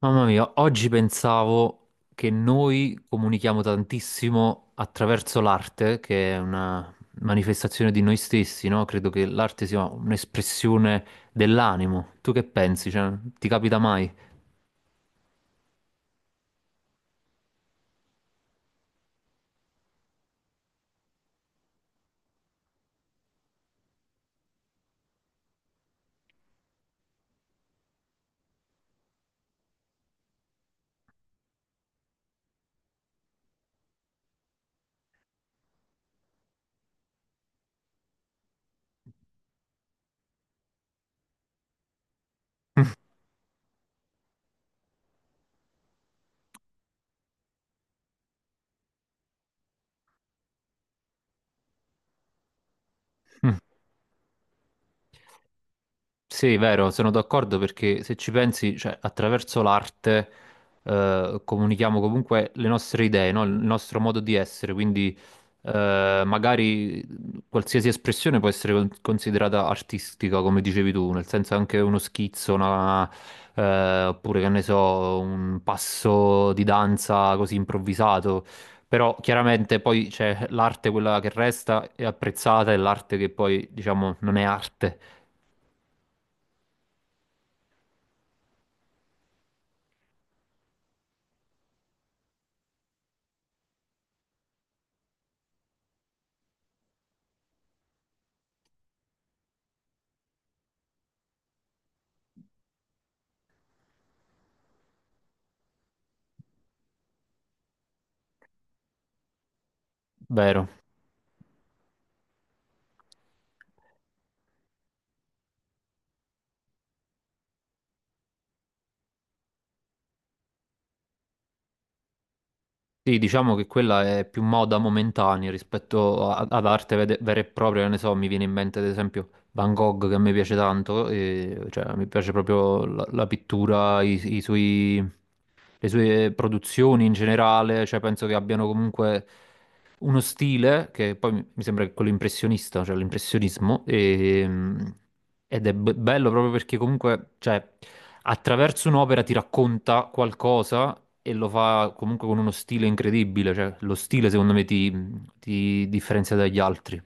Mamma mia, oggi pensavo che noi comunichiamo tantissimo attraverso l'arte, che è una manifestazione di noi stessi, no? Credo che l'arte sia un'espressione dell'animo. Tu che pensi? Cioè, ti capita mai? Sì, vero, sono d'accordo perché se ci pensi, cioè, attraverso l'arte comunichiamo comunque le nostre idee, no? Il nostro modo di essere, quindi magari qualsiasi espressione può essere considerata artistica, come dicevi tu, nel senso anche uno schizzo, oppure che ne so, un passo di danza così improvvisato. Però chiaramente poi c'è l'arte quella che resta è apprezzata e l'arte che poi, diciamo, non è arte, vero? Sì, diciamo che quella è più moda momentanea rispetto ad arte vera e propria, che ne so, mi viene in mente ad esempio Van Gogh che a me piace tanto, e, cioè mi piace proprio la, la pittura, i suoi, le sue produzioni in generale, cioè penso che abbiano comunque uno stile che poi mi sembra che quello impressionista, cioè l'impressionismo, ed è bello proprio perché comunque, cioè, attraverso un'opera ti racconta qualcosa e lo fa comunque con uno stile incredibile, cioè lo stile secondo me ti differenzia dagli altri.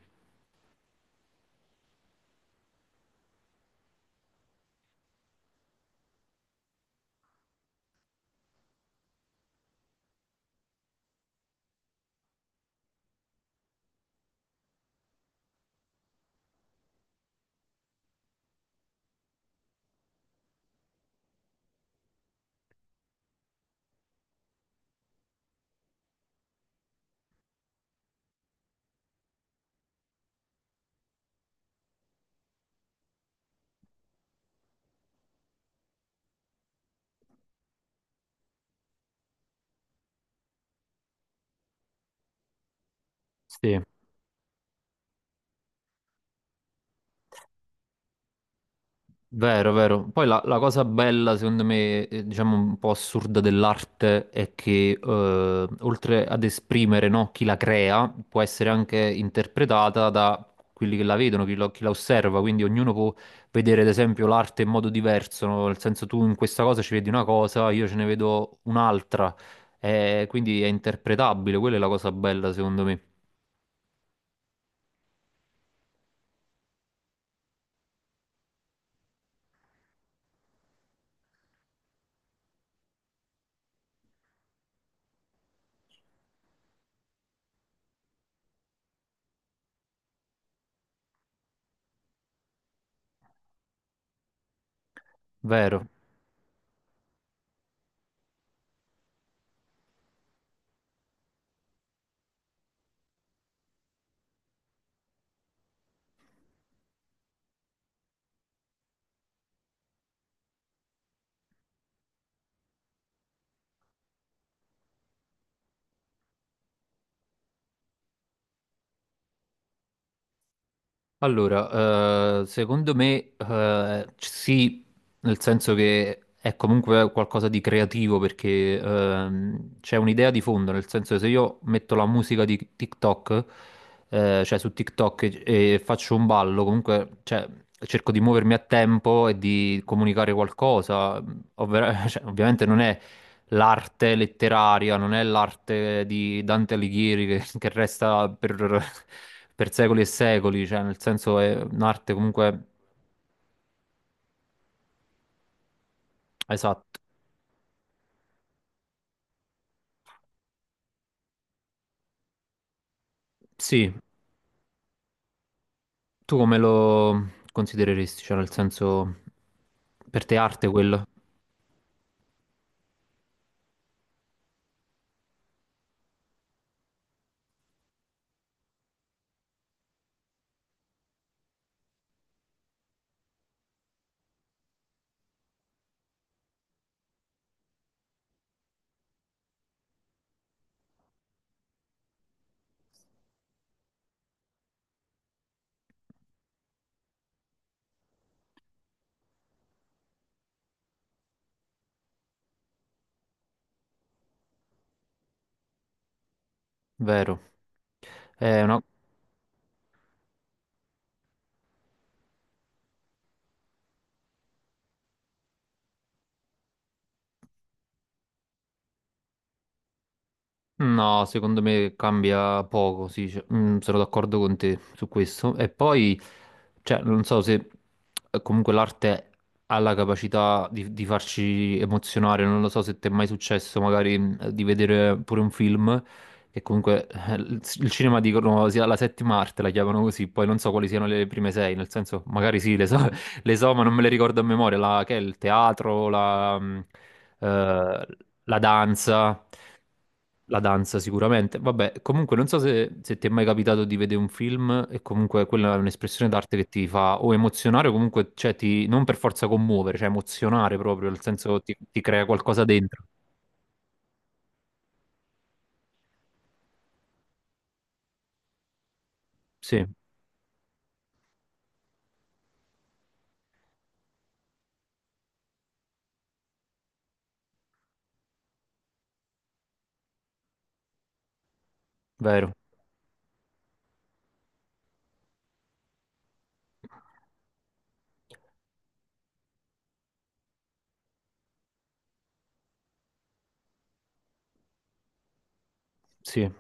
Sì. Vero, vero. Poi la, la cosa bella, secondo me, diciamo un po' assurda dell'arte è che oltre ad esprimere, no, chi la crea, può essere anche interpretata da quelli che la vedono, chi, chi la osserva. Quindi ognuno può vedere, ad esempio, l'arte in modo diverso, no? Nel senso tu in questa cosa ci vedi una cosa, io ce ne vedo un'altra. Quindi è interpretabile, quella è la cosa bella, secondo me. Vero. Allora, secondo me, sì, nel senso che è comunque qualcosa di creativo perché c'è un'idea di fondo, nel senso che se io metto la musica di TikTok, cioè su TikTok e faccio un ballo, comunque cioè, cerco di muovermi a tempo e di comunicare qualcosa, cioè, ovviamente non è l'arte letteraria, non è l'arte di Dante Alighieri che resta per secoli e secoli, cioè nel senso è un'arte comunque esatto. Sì, tu come lo considereresti? Cioè nel senso per te arte quello, vero? È una- No, secondo me cambia poco, sì, cioè, sono d'accordo con te su questo. E poi, cioè, non so se comunque l'arte ha la capacità di farci emozionare, non lo so se ti è mai successo magari di vedere pure un film, che comunque il cinema dicono sia la settima arte, la chiamano così, poi non so quali siano le prime sei, nel senso magari sì, le so, ma non me le ricordo a memoria, la, che è il teatro, la, eh, la danza, la danza sicuramente. Vabbè, comunque non so se, se ti è mai capitato di vedere un film e comunque quella è un'espressione d'arte che ti fa o emozionare o comunque, cioè, ti, non per forza commuovere, cioè emozionare proprio, nel senso ti, ti crea qualcosa dentro. Sì, vero, sì.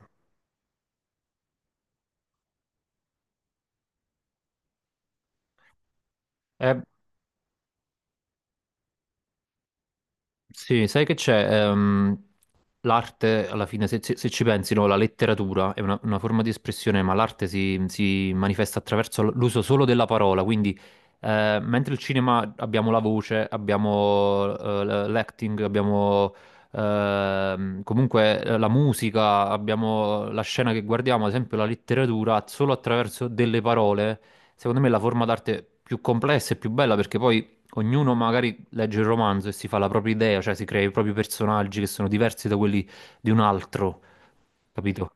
Eh, sì, sai che c'è? L'arte, alla fine, se, se ci pensi, no, la letteratura è una forma di espressione, ma l'arte si, si manifesta attraverso l'uso solo della parola. Quindi, mentre il cinema abbiamo la voce, abbiamo l'acting, abbiamo comunque la musica, abbiamo la scena che guardiamo, ad esempio la letteratura, solo attraverso delle parole, secondo me è la forma d'arte più complessa e più bella perché poi ognuno magari legge il romanzo e si fa la propria idea, cioè si crea i propri personaggi che sono diversi da quelli di un altro, capito?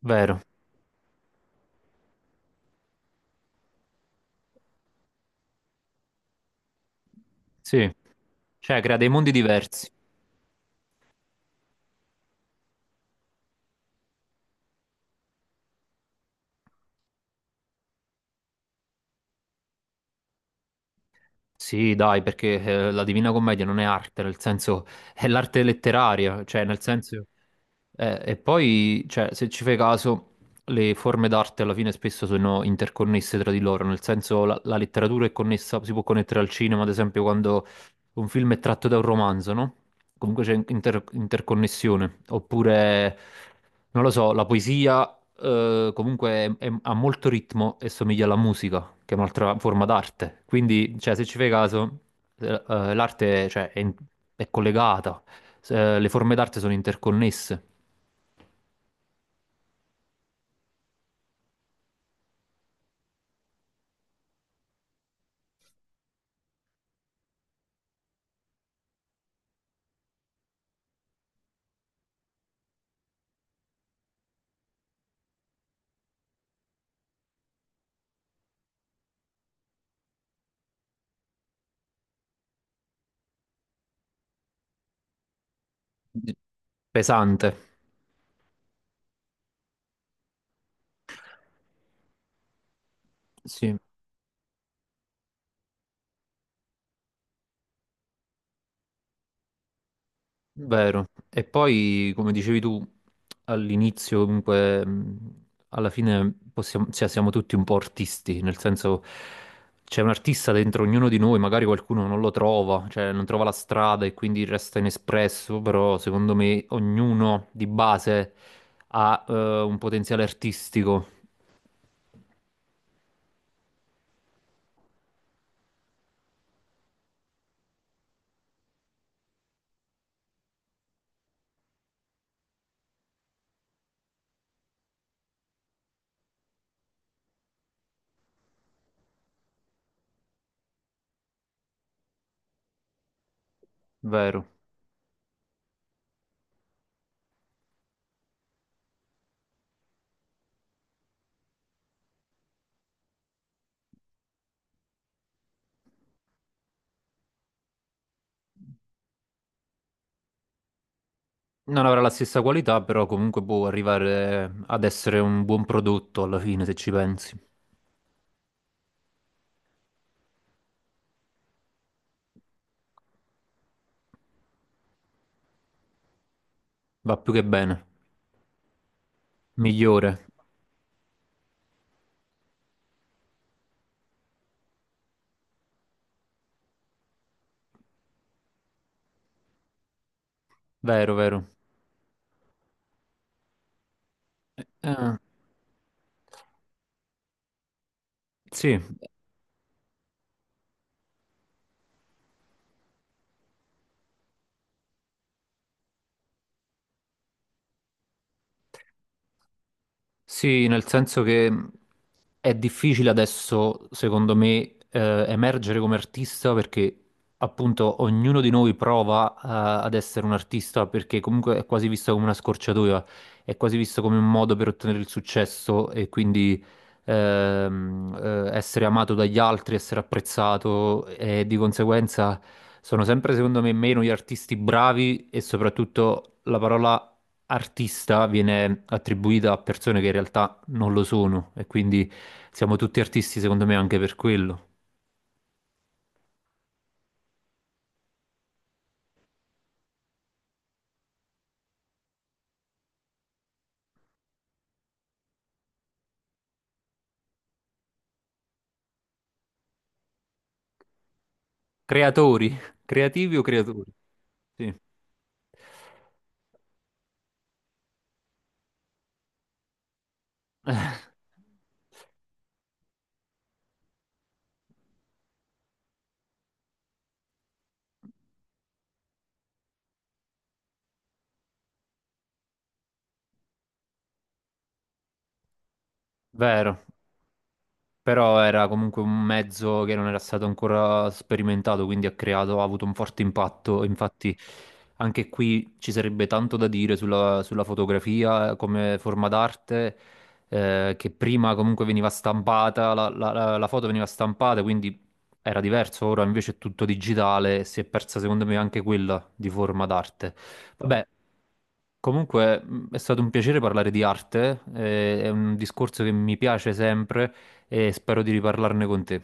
Vero, sì. Cioè crea dei mondi diversi. Sì, dai, perché la Divina Commedia non è arte, nel senso è l'arte letteraria, cioè nel senso... E poi, cioè, se ci fai caso, le forme d'arte alla fine spesso sono interconnesse tra di loro, nel senso la, la letteratura è connessa, si può connettere al cinema, ad esempio, quando un film è tratto da un romanzo, no? Comunque c'è interconnessione. Oppure, non lo so, la poesia comunque ha molto ritmo e somiglia alla musica, che è un'altra forma d'arte. Quindi, cioè, se ci fai caso, l'arte, cioè, è collegata, le forme d'arte sono interconnesse. Pesante, sì. Vero. E poi, come dicevi tu all'inizio, comunque, alla fine possiamo- cioè, siamo tutti un po' artisti, nel senso c'è un artista dentro ognuno di noi, magari qualcuno non lo trova, cioè non trova la strada e quindi resta inespresso, però secondo me ognuno di base ha un potenziale artistico, vero. Non avrà la stessa qualità, però comunque può arrivare ad essere un buon prodotto alla fine, se ci pensi. Va più che bene, migliore. Vero, vero. Eh, eh, sì, sì, nel senso che è difficile adesso, secondo me, emergere come artista perché appunto ognuno di noi prova, ad essere un artista perché comunque è quasi visto come una scorciatoia, è quasi visto come un modo per ottenere il successo e quindi ehm, essere amato dagli altri, essere apprezzato e di conseguenza sono sempre, secondo me, meno gli artisti bravi e soprattutto la parola artista viene attribuita a persone che in realtà non lo sono e quindi siamo tutti artisti secondo me anche per quello. Creatori, creativi o creatori? Sì. Vero. Però era comunque un mezzo che non era stato ancora sperimentato, quindi ha creato, ha avuto un forte impatto. Infatti, anche qui ci sarebbe tanto da dire sulla, sulla fotografia come forma d'arte, che prima comunque veniva stampata, la, la foto veniva stampata, quindi era diverso. Ora invece è tutto digitale e si è persa, secondo me, anche quella di forma d'arte. Vabbè. Comunque è stato un piacere parlare di arte, è un discorso che mi piace sempre e spero di riparlarne con te.